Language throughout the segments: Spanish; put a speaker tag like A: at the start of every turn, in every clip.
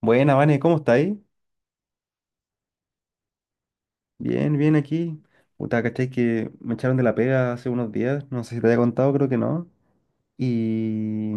A: Buena, Vane, ¿cómo estáis? Bien, bien aquí. Puta, ¿cachai? Que me echaron de la pega hace unos días. No sé si te había contado, creo que no. Y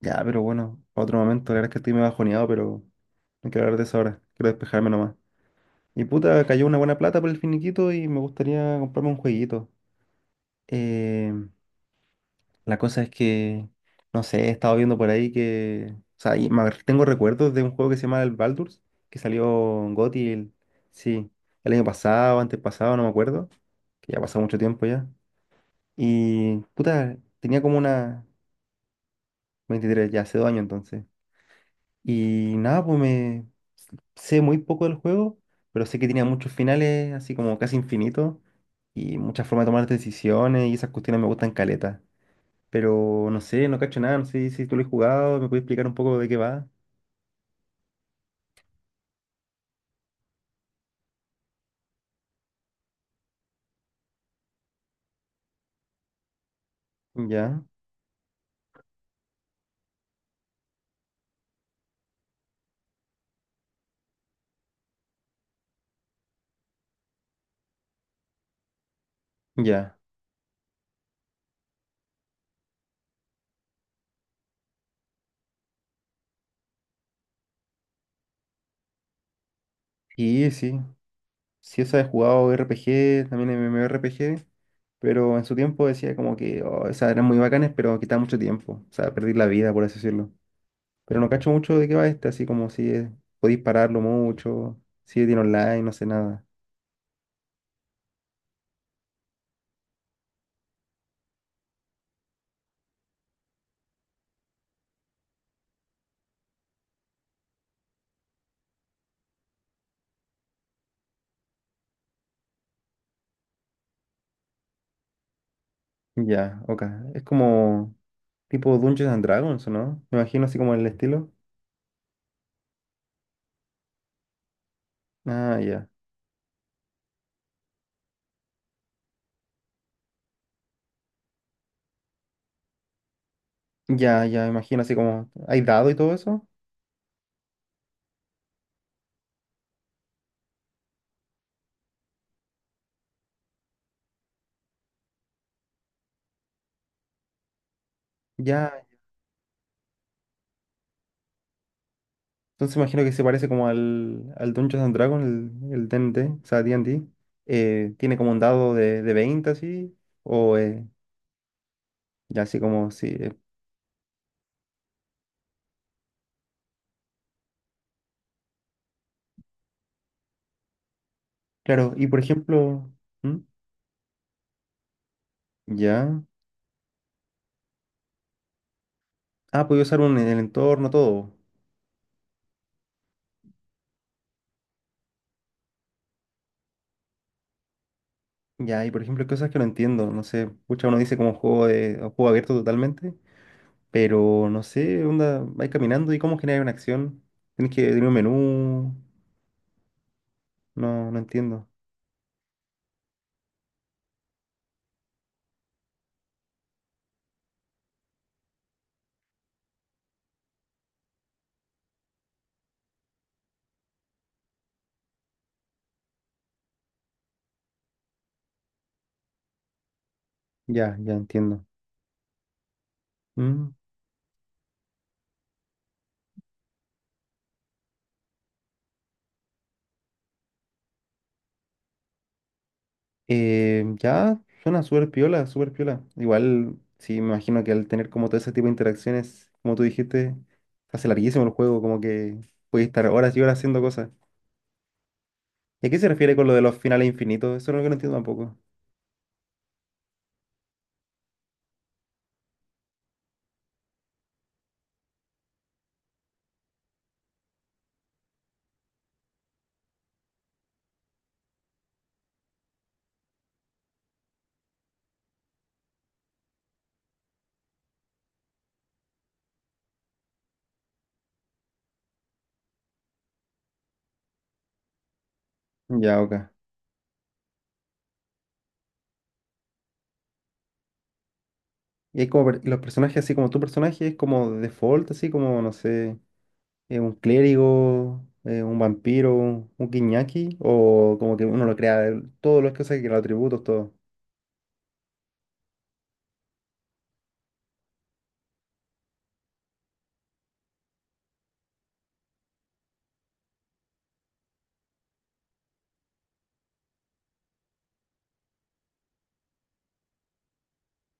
A: ya, pero bueno, pa' otro momento. La verdad es que estoy medio bajoneado, pero no quiero hablar de eso ahora. Quiero despejarme nomás. Y puta, cayó una buena plata por el finiquito y me gustaría comprarme un jueguito. Eh, La cosa es que, no sé, he estado viendo por ahí que, o sea, tengo recuerdos de un juego que se llama el Baldur's, que salió en GOTY, sí, el año pasado, antes pasado, no me acuerdo, que ya pasó mucho tiempo ya. Y, puta, tenía como una 23 ya hace dos años entonces. Y nada, pues me sé muy poco del juego, pero sé que tenía muchos finales, así como casi infinitos, y muchas formas de tomar decisiones, y esas cuestiones me gustan caleta. Pero no sé, no cacho nada, no sé si tú lo has jugado, me puedes explicar un poco de qué va. Ya, ya. Y sí, sí, esa he jugado RPG, también MMORPG, pero en su tiempo decía como que oh, esas eran muy bacanas, pero quitaba mucho tiempo, o sea, perdí la vida, por así decirlo. Pero no cacho mucho de qué va este, así como si es- podéis pararlo mucho, si tiene online, no sé nada. Ya, ok. Es como tipo Dungeons and Dragons, ¿o no? Me imagino así como el estilo. Ah, ya. Ya, ya, imagino así como. ¿Hay dado y todo eso? Ya, entonces imagino que se parece como al Dungeons and Dragons, el D&D, o sea, D&D. Tiene como un dado de 20 así, o ya así como, sí. Claro, y por ejemplo, ¿Mm? Ya. Ah, puedo usar un, el entorno, todo. Ya, y por ejemplo, hay cosas que no entiendo, no sé, pucha, uno dice como juego de, o juego abierto totalmente, pero no sé, onda, vais caminando y cómo generar una acción. Tienes que tener un menú, no, no entiendo. Ya, ya entiendo. ¿Mm? Ya, suena súper piola, súper piola. Igual, sí, me imagino que al tener como todo ese tipo de interacciones, como tú dijiste, se hace larguísimo el juego, como que puedes estar horas y horas haciendo cosas. ¿Y a qué se refiere con lo de los finales infinitos? Eso es lo que no entiendo tampoco. Ya, ok. Y hay como y los personajes, así como tu personaje, es como de default, así como, no sé, un clérigo, un vampiro, un guiñaki, o como que uno lo crea, todos los cosas que los atributos, todo.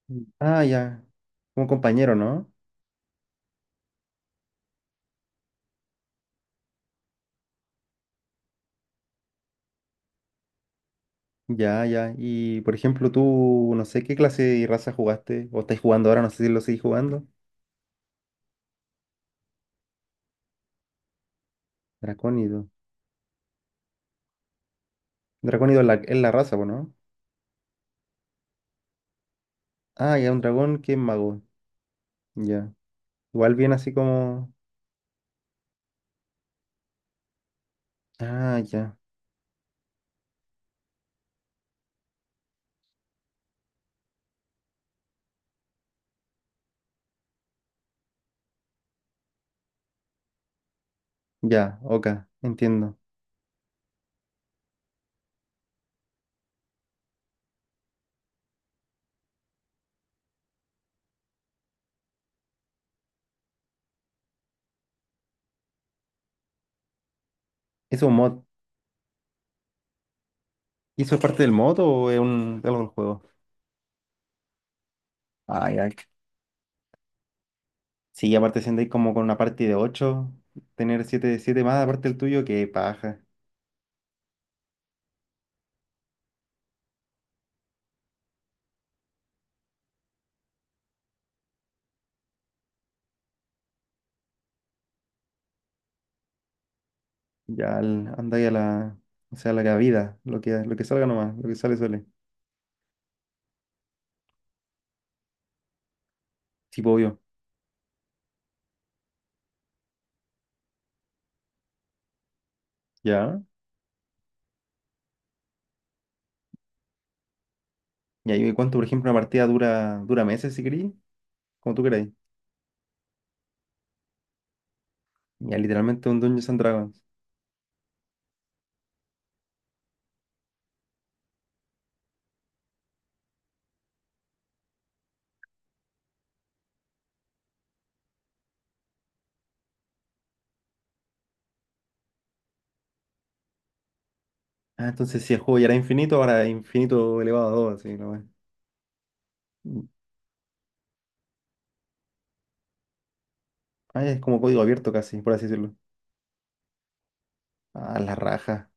A: Mm. Ah, ya, como compañero, ¿no? Ya, ya. Y por ejemplo, tú, no sé qué clase y raza jugaste, o estáis jugando ahora, no sé si lo seguís jugando. Dracónido. Dracónido es la raza, po, ¿no? Ah, ya, un dragón que es mago. Ya. Igual bien así como. Ah, ya. Ya, ok, entiendo. ¿Eso es un mod? ¿Y eso es parte del mod o es un, algo del juego? Ah, ya. Sí, aparte si andáis como con una party de 8, tener siete, 7 más aparte del tuyo, que paja. Andáis a la. O sea, a la cabida, lo que salga nomás, lo que sale, sale. Sí, pues, obvio. Ya. Y ahí cuánto, por ejemplo, una partida dura, dura meses si queréis, como tú queráis. Ya literalmente un Dungeons and Dragons. Ah, entonces si el juego ya era infinito, ahora es infinito elevado a 2, así nomás. Mm. Ah, es como código abierto casi, por así decirlo. Ah, la raja.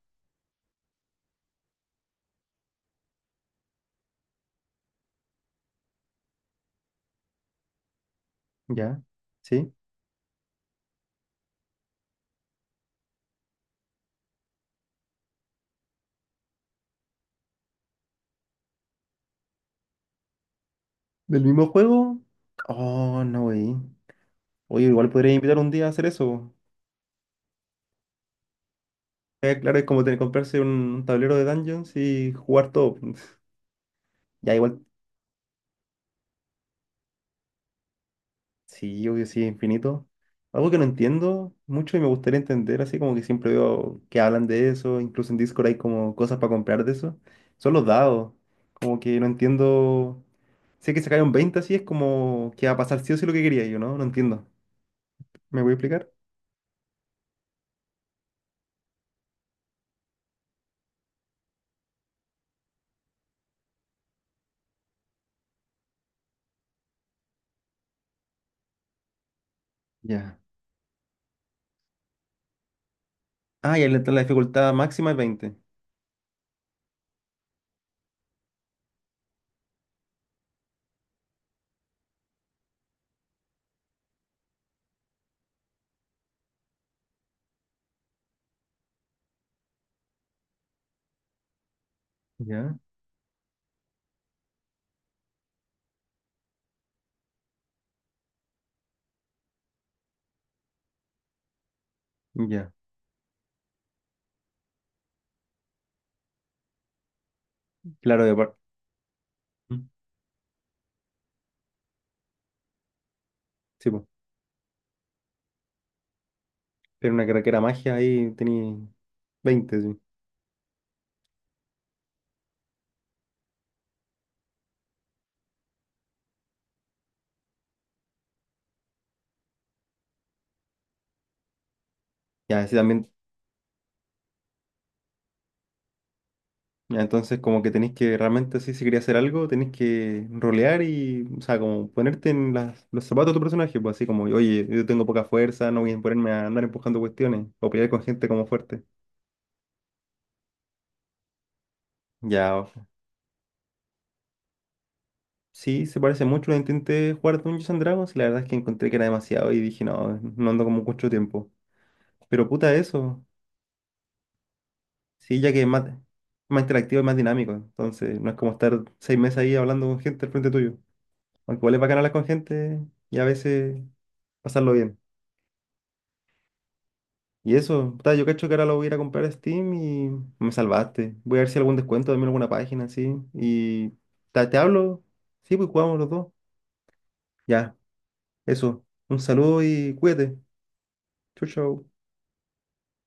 A: Ya. ¿Sí? ¿Del mismo juego? Oh, no, güey. Oye, igual podría invitar un día a hacer eso. Claro, es como tener comprarse un tablero de Dungeons y jugar todo. Ya igual sí, obvio, sí, infinito. Algo que no entiendo mucho y me gustaría entender, así como que siempre veo que hablan de eso, incluso en Discord hay como cosas para comprar de eso, son los dados. Como que no entiendo. Sé que se cae un 20 así, es como que va a pasar sí o sí lo que quería yo, ¿no? No entiendo. ¿Me voy a explicar? Ya. Ah, y la dificultad máxima es veinte. Ya, ya. Claro, de par-. Mm. Sí, pues. Pero una carrera magia ahí tenía 20 sí. Ya, sí, también. Entonces, como que tenéis que realmente, así, si quería hacer algo, tenéis que rolear y, o sea, como ponerte en los zapatos de tu personaje, pues así como, oye, yo tengo poca fuerza, no voy a ponerme a andar empujando cuestiones o pelear con gente como fuerte. Ya, o- sí, se parece mucho. Lo intenté jugar Dungeons and Dragons y la verdad es que encontré que era demasiado y dije, no, no ando como mucho tiempo. Pero puta eso, sí, ya que es más, más interactivo y más dinámico, entonces no es como estar 6 meses ahí hablando con gente al frente tuyo. Aunque igual es bacán hablar con gente y a veces pasarlo bien. Y eso, puta, yo cacho que ahora lo voy a ir a comprar a Steam y me salvaste. Voy a ver si hay algún descuento, también alguna página, sí. Y te, hablo. Sí, pues jugamos los dos. Ya, eso. Un saludo y cuídate. Chau, chau.